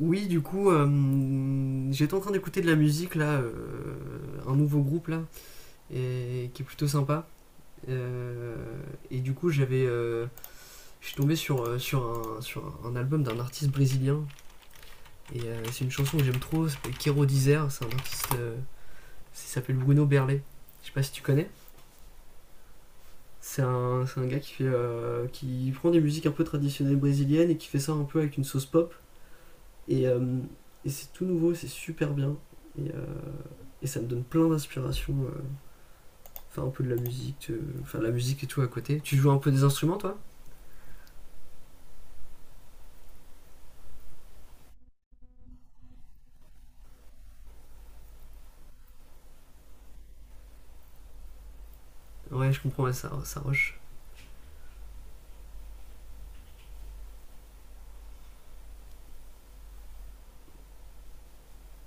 Oui, du coup, j'étais en train d'écouter de la musique là, un nouveau groupe là, qui est plutôt sympa. Euh, et du coup, je suis tombé sur un album d'un artiste brésilien. C'est une chanson que j'aime trop, ça s'appelle Quero Dizer. C'est un artiste, il s'appelle Bruno Berlet. Je sais pas si tu connais. C'est un gars qui fait, qui prend des musiques un peu traditionnelles brésiliennes et qui fait ça un peu avec une sauce pop. Et, euh, et c'est tout nouveau, c'est super bien. Et euh, Et ça me donne plein d'inspiration. Enfin, un peu de la musique, enfin, la musique et tout à côté. Tu joues un peu des instruments, toi? Ouais, je comprends, ouais, ça roche.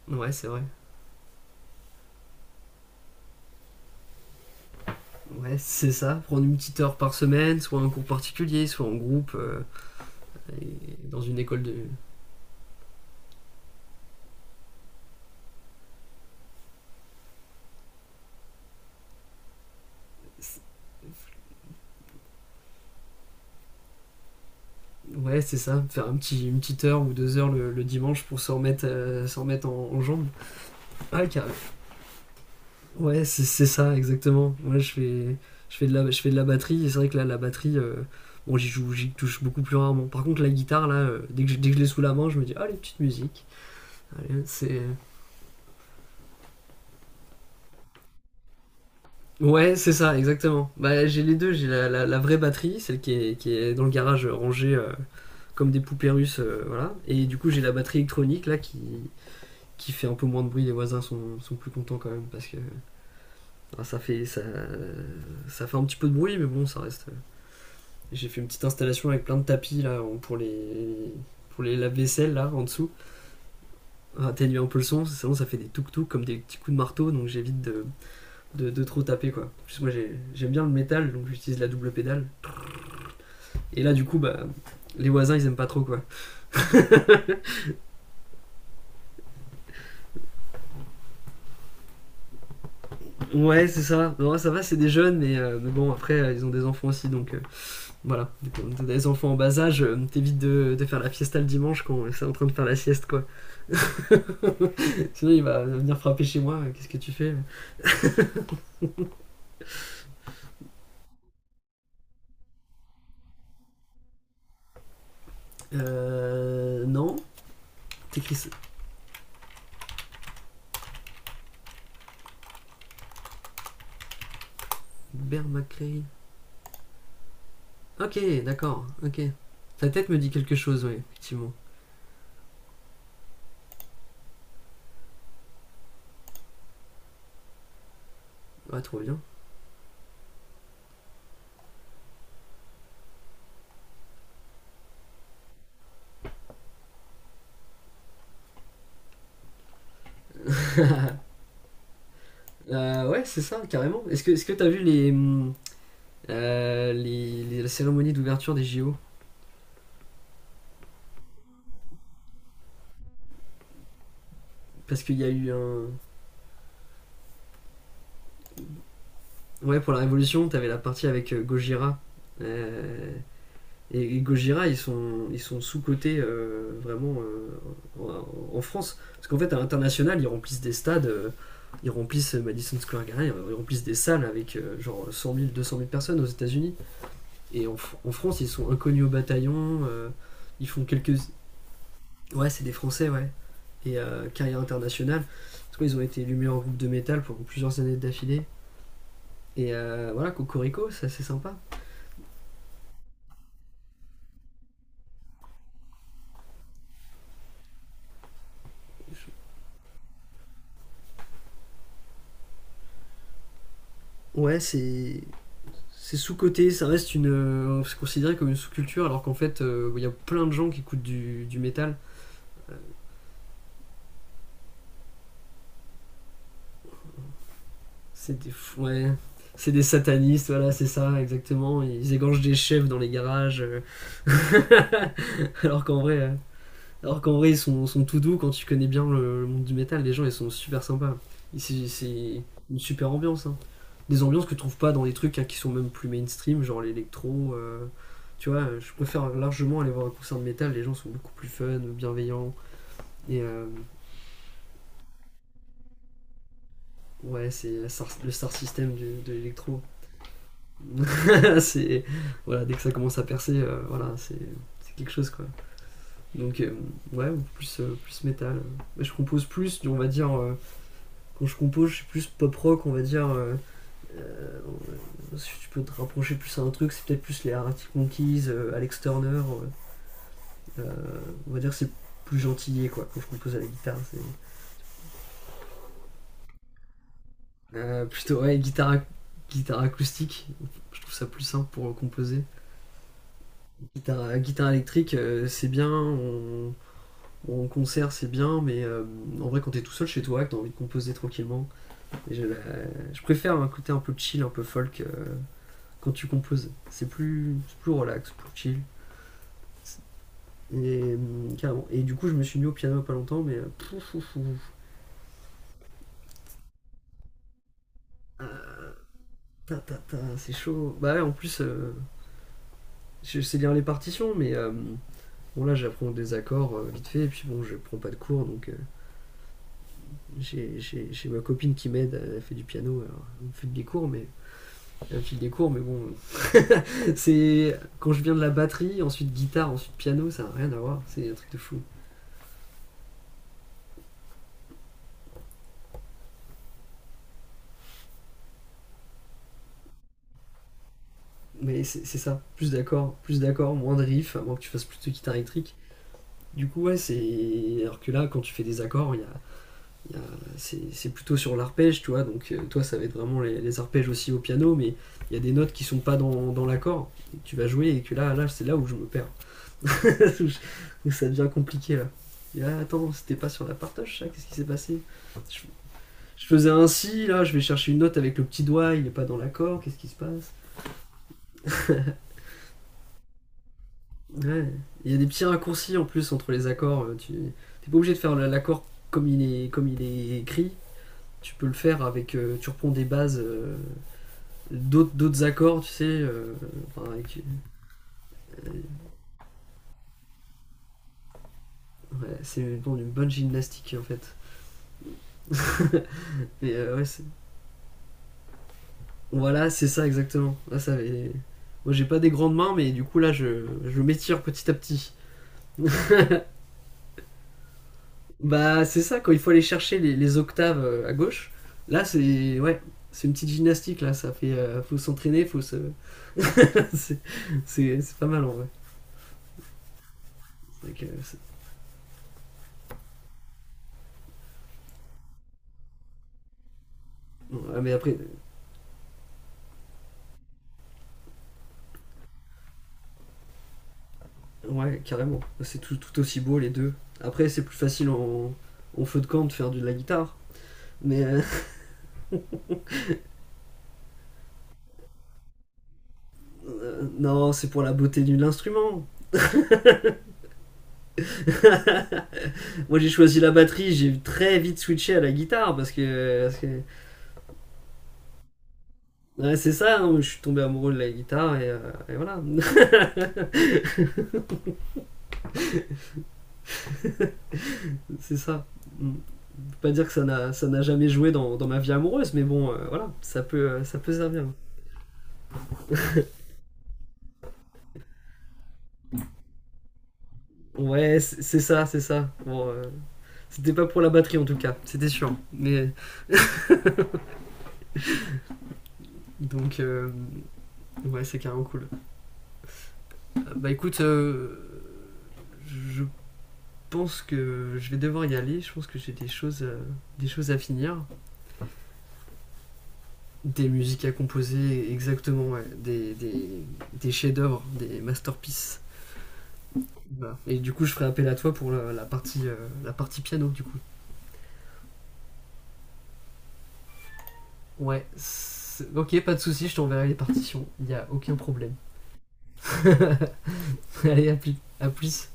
Ouais, c'est vrai. Ouais, c'est ça. Prendre une petite heure par semaine, soit un cours particulier, soit en groupe, et dans une école de. Ouais, c'est ça. Faire une petite heure ou deux heures le dimanche pour s'en remettre en jambes. Ouais, carrément. Ouais, c'est ça, exactement. Moi, je fais de la batterie, et c'est vrai que là, la batterie, bon, j'y joue, j'y touche beaucoup plus rarement. Par contre, la guitare, là, dès que je l'ai sous la main, je me dis, ah, les petites musiques. Allez, c'est... Ouais, c'est ça, exactement. Bah, j'ai les deux, j'ai la vraie batterie, celle qui est dans le garage rangée comme des poupées russes, voilà. Et du coup, j'ai la batterie électronique, qui fait un peu moins de bruit. Les voisins sont plus contents quand même, parce que ah, ça, fait, ça, ça fait un petit peu de bruit, mais bon, ça reste. J'ai fait une petite installation avec plein de tapis là pour les lave-vaisselle là en dessous, atténuer un peu le son, sinon ça fait des touc touc comme des petits coups de marteau donc j'évite de trop taper quoi. Parce que j'aime bien le métal donc j'utilise la double pédale. Et là du coup bah les voisins ils aiment pas trop quoi. Ouais c'est ça, non, ça va, c'est des jeunes, mais bon après ils ont des enfants aussi donc voilà. T'as des enfants en bas âge, t'évites de faire la fiesta le dimanche quand c'est en train de faire la sieste quoi. Sinon il va venir frapper chez moi, qu'est-ce que tu fais? Non. C'est Chris Bert McCray. Ok, d'accord. Ok. Sa tête me dit quelque chose, oui, effectivement. Ah, trop bien. Ouais, c'est ça, carrément. Est-ce que t'as vu la cérémonie d'ouverture des JO? Parce qu'il y a eu un. Ouais, pour la Révolution, t'avais la partie avec Gojira. Euh, et Gojira, ils sont sous-cotés vraiment en, en France. Parce qu'en fait, à l'international, ils remplissent des stades, ils remplissent Madison Square Garden, ils remplissent des salles avec genre 100 000, 200 000 personnes aux États-Unis. Et en France, ils sont inconnus au bataillon, ils font quelques. Ouais, c'est des Français, ouais. Carrière internationale. Parce qu'ils ont été élus meilleur groupe de métal pendant plusieurs années d'affilée. Voilà, Cocorico, ça c'est assez sympa. Ouais, c'est. C'est sous-côté, ça reste une. C'est considéré comme une sous-culture, alors qu'en fait, il y a plein de gens qui écoutent du métal. C'est des. Ouais. C'est des satanistes, voilà, c'est ça, exactement. Ils égorgent des chefs dans les garages. Alors qu'en vrai, euh, Alors qu'en vrai, ils sont tout doux quand tu connais bien le monde du métal. Les gens, ils sont super sympas. C'est une super ambiance, hein. Des ambiances que tu trouves pas dans les trucs hein, qui sont même plus mainstream, genre l'électro. Tu vois, je préfère largement aller voir un concert de métal. Les gens sont beaucoup plus fun, bienveillants. Et euh, ouais, c'est le star system de l'électro. c'est voilà, dès que ça commence à percer, voilà, c'est quelque chose quoi. Donc euh, ouais, plus plus métal. Je compose plus, on va dire. Quand je compose, je suis plus pop rock, on va dire. Si tu peux te rapprocher plus à un truc, c'est peut-être plus les Arctic Monkeys, Alex Turner. Euh, euh, on va dire c'est plus gentillier quoi quand je compose à la guitare. Plutôt ouais guitare acoustique. Je trouve ça plus simple pour composer. Guitare électrique, c'est bien. On... En concert, c'est bien, en vrai, quand t'es tout seul chez toi, que t'as envie de composer tranquillement, je préfère un côté un peu chill, un peu folk quand tu composes. C'est plus relax, plus chill. Et, carrément. Et du coup, je me suis mis au piano pas longtemps, mais pouf, pouf, pouf. Ah, ta, ta, ta, c'est chaud. Bah ouais, en plus, je sais lire les partitions. Mais. Bon là j'apprends des accords vite fait et puis bon je prends pas de cours donc j'ai ma copine qui m'aide, elle fait du piano, alors elle me file des cours mais elle me file des cours mais bon c'est quand je viens de la batterie, ensuite guitare, ensuite piano, ça n'a rien à voir, c'est un truc de fou. Mais c'est ça, plus d'accords, moins de riffs, à moins que tu fasses plus de guitare électrique. Du coup, ouais, c'est. Alors que là, quand tu fais des accords, il y a- c'est plutôt sur l'arpège, tu vois. Donc, toi, ça va être vraiment les arpèges aussi au piano, mais il y a des notes qui sont pas dans l'accord. Et que tu vas jouer et que là c'est là où je me perds. où, je- Où ça devient compliqué, là. Et là, attends, c'était pas sur la partage, ça? Qu'est-ce qui s'est passé? je, je faisais un si là, je vais chercher une note avec le petit doigt, il est pas dans l'accord, qu'est-ce qui se passe? Ouais. Il y a des petits raccourcis en plus entre les accords. Tu n'es pas obligé de faire l'accord comme il est écrit. Tu peux le faire avec. Tu reprends des bases d'autres accords, tu sais. Enfin, avec- euh, ouais, c'est une, bon, une bonne gymnastique en fait. Mais ouais, c'est- voilà, c'est ça exactement. Là, ça avait- Moi j'ai pas des grandes mains, mais du coup là je m'étire petit à petit. Bah c'est ça, quand il faut aller chercher les octaves à gauche, là c'est. Ouais, c'est une petite gymnastique là, ça fait. Faut s'entraîner, faut se. c'est c'est pas mal en vrai. Donc, c'est- Bon, ah, mais après, ouais, carrément. C'est tout aussi beau les deux. Après, c'est plus facile en feu de camp de faire de la guitare. Mais non, c'est pour la beauté de l'instrument. Moi, j'ai choisi la batterie, j'ai très vite switché à la guitare parce que ouais, c'est ça, hein, je suis tombé amoureux de la guitare et voilà. C'est ça. Mm. Je peux pas dire que ça n'a jamais joué dans ma vie amoureuse, mais bon, voilà, ça peut servir. Ouais, c'est ça, c'est ça. Bon, c'était pas pour la batterie en tout cas, c'était sûr. Mais donc, ouais, c'est carrément cool. Bah écoute, je pense que je vais devoir y aller. Je pense que j'ai des choses à finir, des musiques à composer, exactement, ouais. Des chefs-d'œuvre, des masterpieces. Voilà. Et du coup, je ferai appel à toi pour la partie piano, du coup. Ouais, c'est- Ok, pas de souci, je t'enverrai les partitions. Il y a aucun problème. Allez, à plus. À plus.